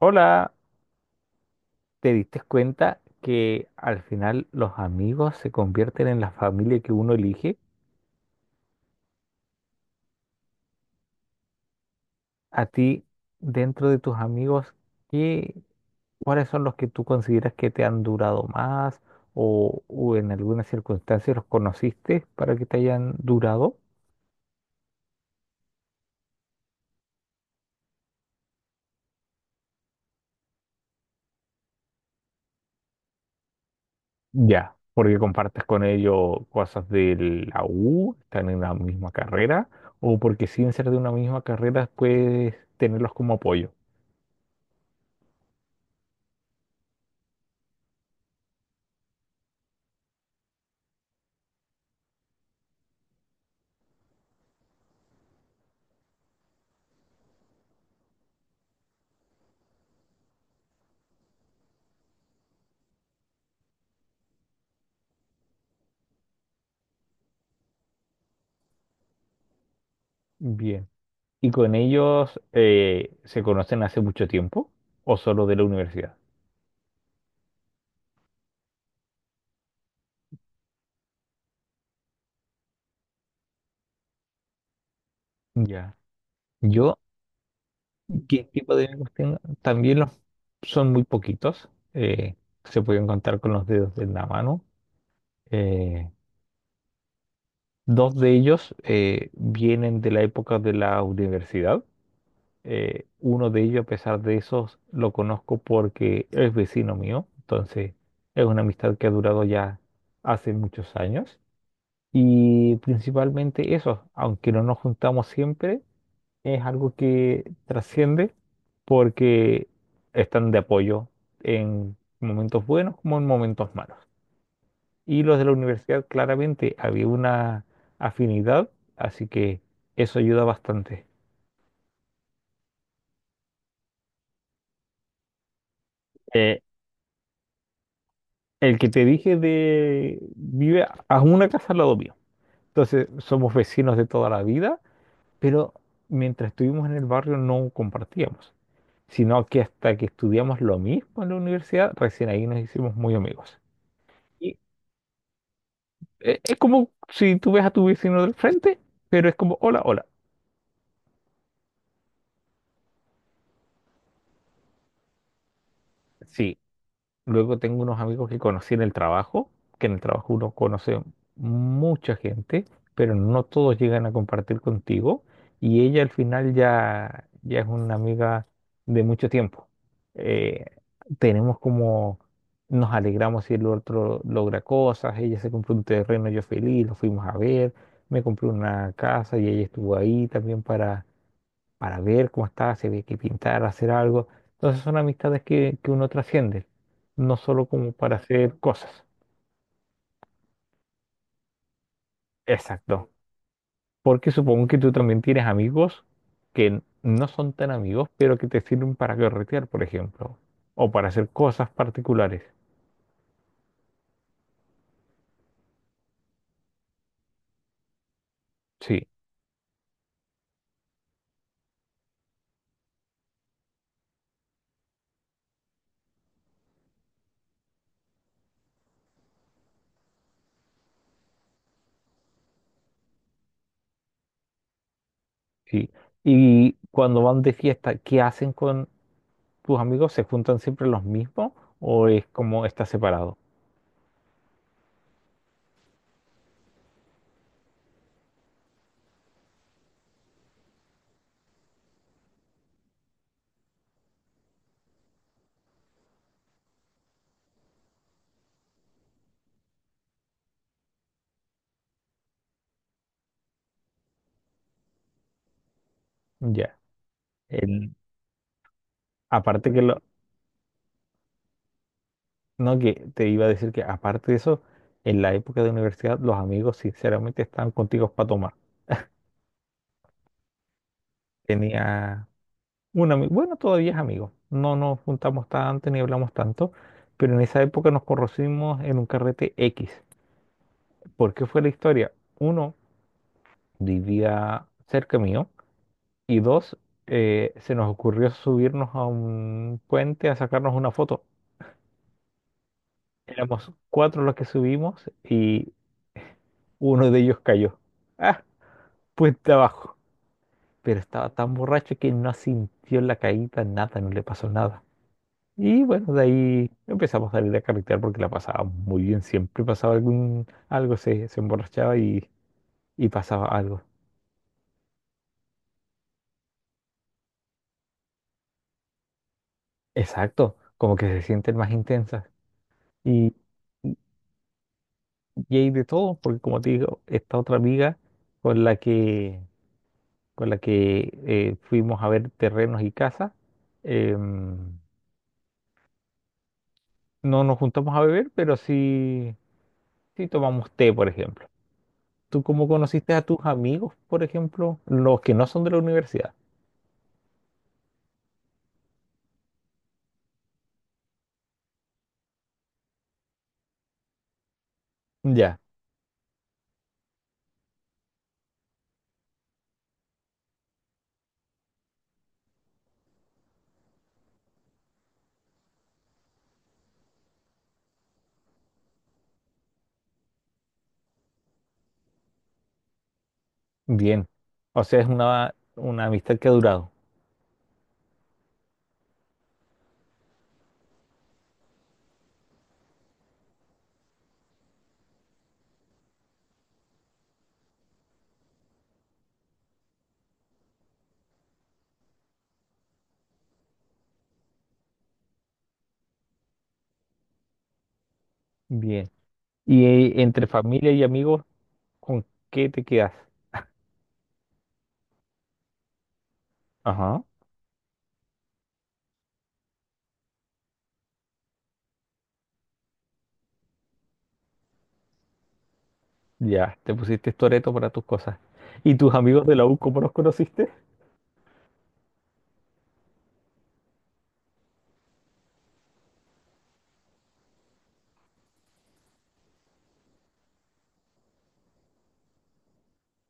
Hola, ¿te diste cuenta que al final los amigos se convierten en la familia que uno elige? A ti, dentro de tus amigos, ¿qué, ¿cuáles son los que tú consideras que te han durado más o en algunas circunstancias los conociste para que te hayan durado? Ya, porque compartes con ellos cosas de la U, están en la misma carrera, o porque sin ser de una misma carrera puedes tenerlos como apoyo. Bien. ¿Y con ellos se conocen hace mucho tiempo o solo de la universidad? Ya. Yo, ¿qué tipo de amigos tengo? También los son muy poquitos. Se pueden contar con los dedos de la mano. Eh, Dos de ellos vienen de la época de la universidad. Uno de ellos, a pesar de eso, lo conozco porque es vecino mío. Entonces, es una amistad que ha durado ya hace muchos años. Y principalmente eso, aunque no nos juntamos siempre, es algo que trasciende porque están de apoyo en momentos buenos como en momentos malos. Y los de la universidad claramente había una afinidad, así que eso ayuda bastante. Eh, el que te dije de vive a una casa al lado mío. Entonces somos vecinos de toda la vida, pero mientras estuvimos en el barrio no compartíamos, sino que hasta que estudiamos lo mismo en la universidad, recién ahí nos hicimos muy amigos. Y es como si tú ves a tu vecino del frente, pero es como, hola, hola. Sí. Luego tengo unos amigos que conocí en el trabajo, que en el trabajo uno conoce mucha gente, pero no todos llegan a compartir contigo. Y ella al final ya es una amiga de mucho tiempo. Eh, Tenemos como, nos alegramos si el otro logra cosas, ella se compró un terreno, yo feliz, lo fuimos a ver, me compré una casa y ella estuvo ahí también para ver cómo está, si había que pintar, hacer algo. Entonces son amistades que uno trasciende, no solo como para hacer cosas. Exacto. Porque supongo que tú también tienes amigos que no son tan amigos, pero que te sirven para carretear, por ejemplo, o para hacer cosas particulares. Sí, sí. Y cuando van de fiesta, ¿qué hacen con tus amigos? ¿Se juntan siempre los mismos o es como está separado? Ya. El- aparte que lo- No, que te iba a decir que aparte de eso, en la época de universidad los amigos sinceramente estaban contigo para tomar. Tenía un amigo, bueno, todavía es amigo, no nos juntamos tanto ni hablamos tanto, pero en esa época nos conocimos en un carrete X. ¿Por qué fue la historia? Uno, vivía cerca mío y dos, se nos ocurrió subirnos a un puente a sacarnos una foto. Éramos cuatro los que subimos y uno de ellos cayó. Ah, puente abajo, pero estaba tan borracho que no sintió la caída, nada, no le pasó nada. Y bueno, de ahí empezamos a salir a carretear porque la pasaba muy bien, siempre pasaba algo, se emborrachaba y pasaba algo. Exacto, como que se sienten más intensas. Y, y y hay de todo, porque como te digo, esta otra amiga con la que, con la que fuimos a ver terrenos y casas, em, no nos juntamos a beber, pero sí tomamos té, por ejemplo. ¿Tú cómo conociste a tus amigos, por ejemplo, los que no son de la universidad? Ya, bien. O sea, es una amistad que ha durado. Bien. Y entre familia y amigos, ¿con qué te quedas? Ajá, ya, te pusiste Toreto para tus cosas. ¿Y tus amigos de la U, cómo los conociste?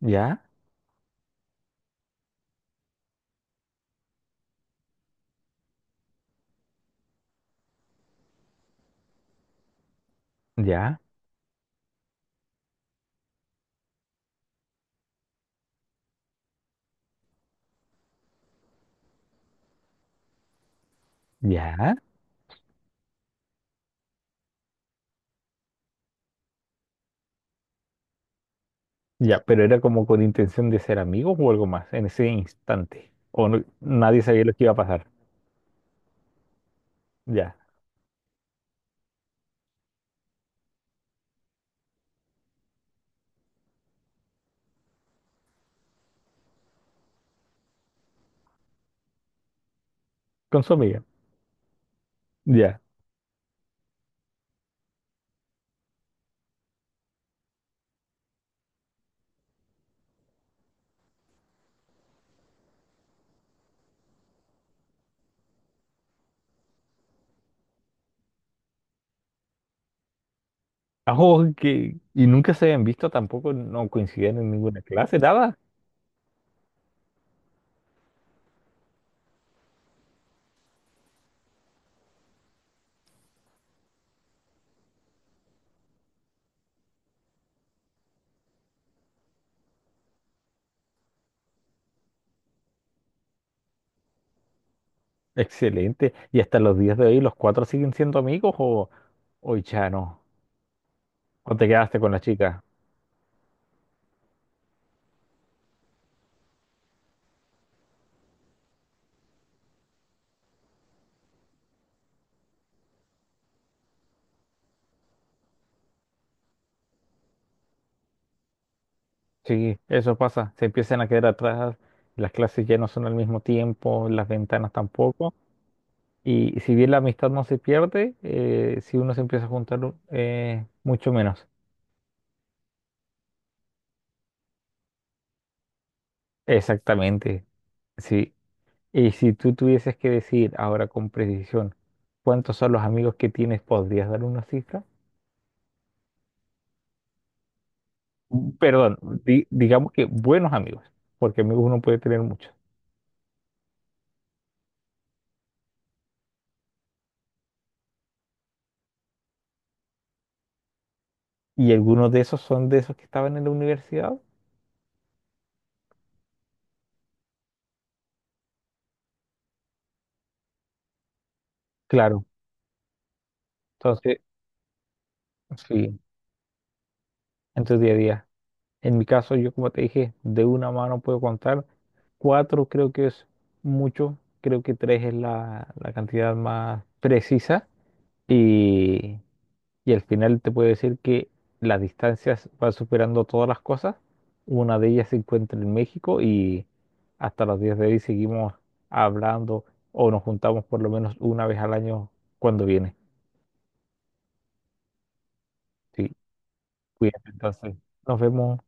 Ya, ya, ya, ya, pero era como con intención de ser amigos o algo más en ese instante. O no- Nadie sabía lo que iba a pasar. Ya, con su amiga. Ya. Ajo, y nunca se habían visto tampoco, no coincidían en ninguna clase, nada. Excelente. ¿Y hasta los días de hoy los cuatro siguen siendo amigos o ya no? ¿O te quedaste con la chica? Sí, eso pasa. Se empiezan a quedar atrás, las clases ya no son al mismo tiempo, las ventanas tampoco. Y si bien la amistad no se pierde, si uno se empieza a juntar, mucho menos. Exactamente, sí. Y si tú tuvieses que decir ahora con precisión cuántos son los amigos que tienes, ¿podrías dar una cifra? Perdón, digamos que buenos amigos, porque amigos uno puede tener muchos. ¿Y algunos de esos son de esos que estaban en la universidad? Claro, entonces, sí, en tu día a día. En mi caso, yo como te dije, de una mano puedo contar. Cuatro creo que es mucho, creo que tres es la, la cantidad más precisa. Y y al final te puede decir que las distancias van superando todas las cosas. Una de ellas se encuentra en México y hasta los días de hoy seguimos hablando o nos juntamos por lo menos una vez al año cuando viene. Sí, cuídate entonces. Nos vemos.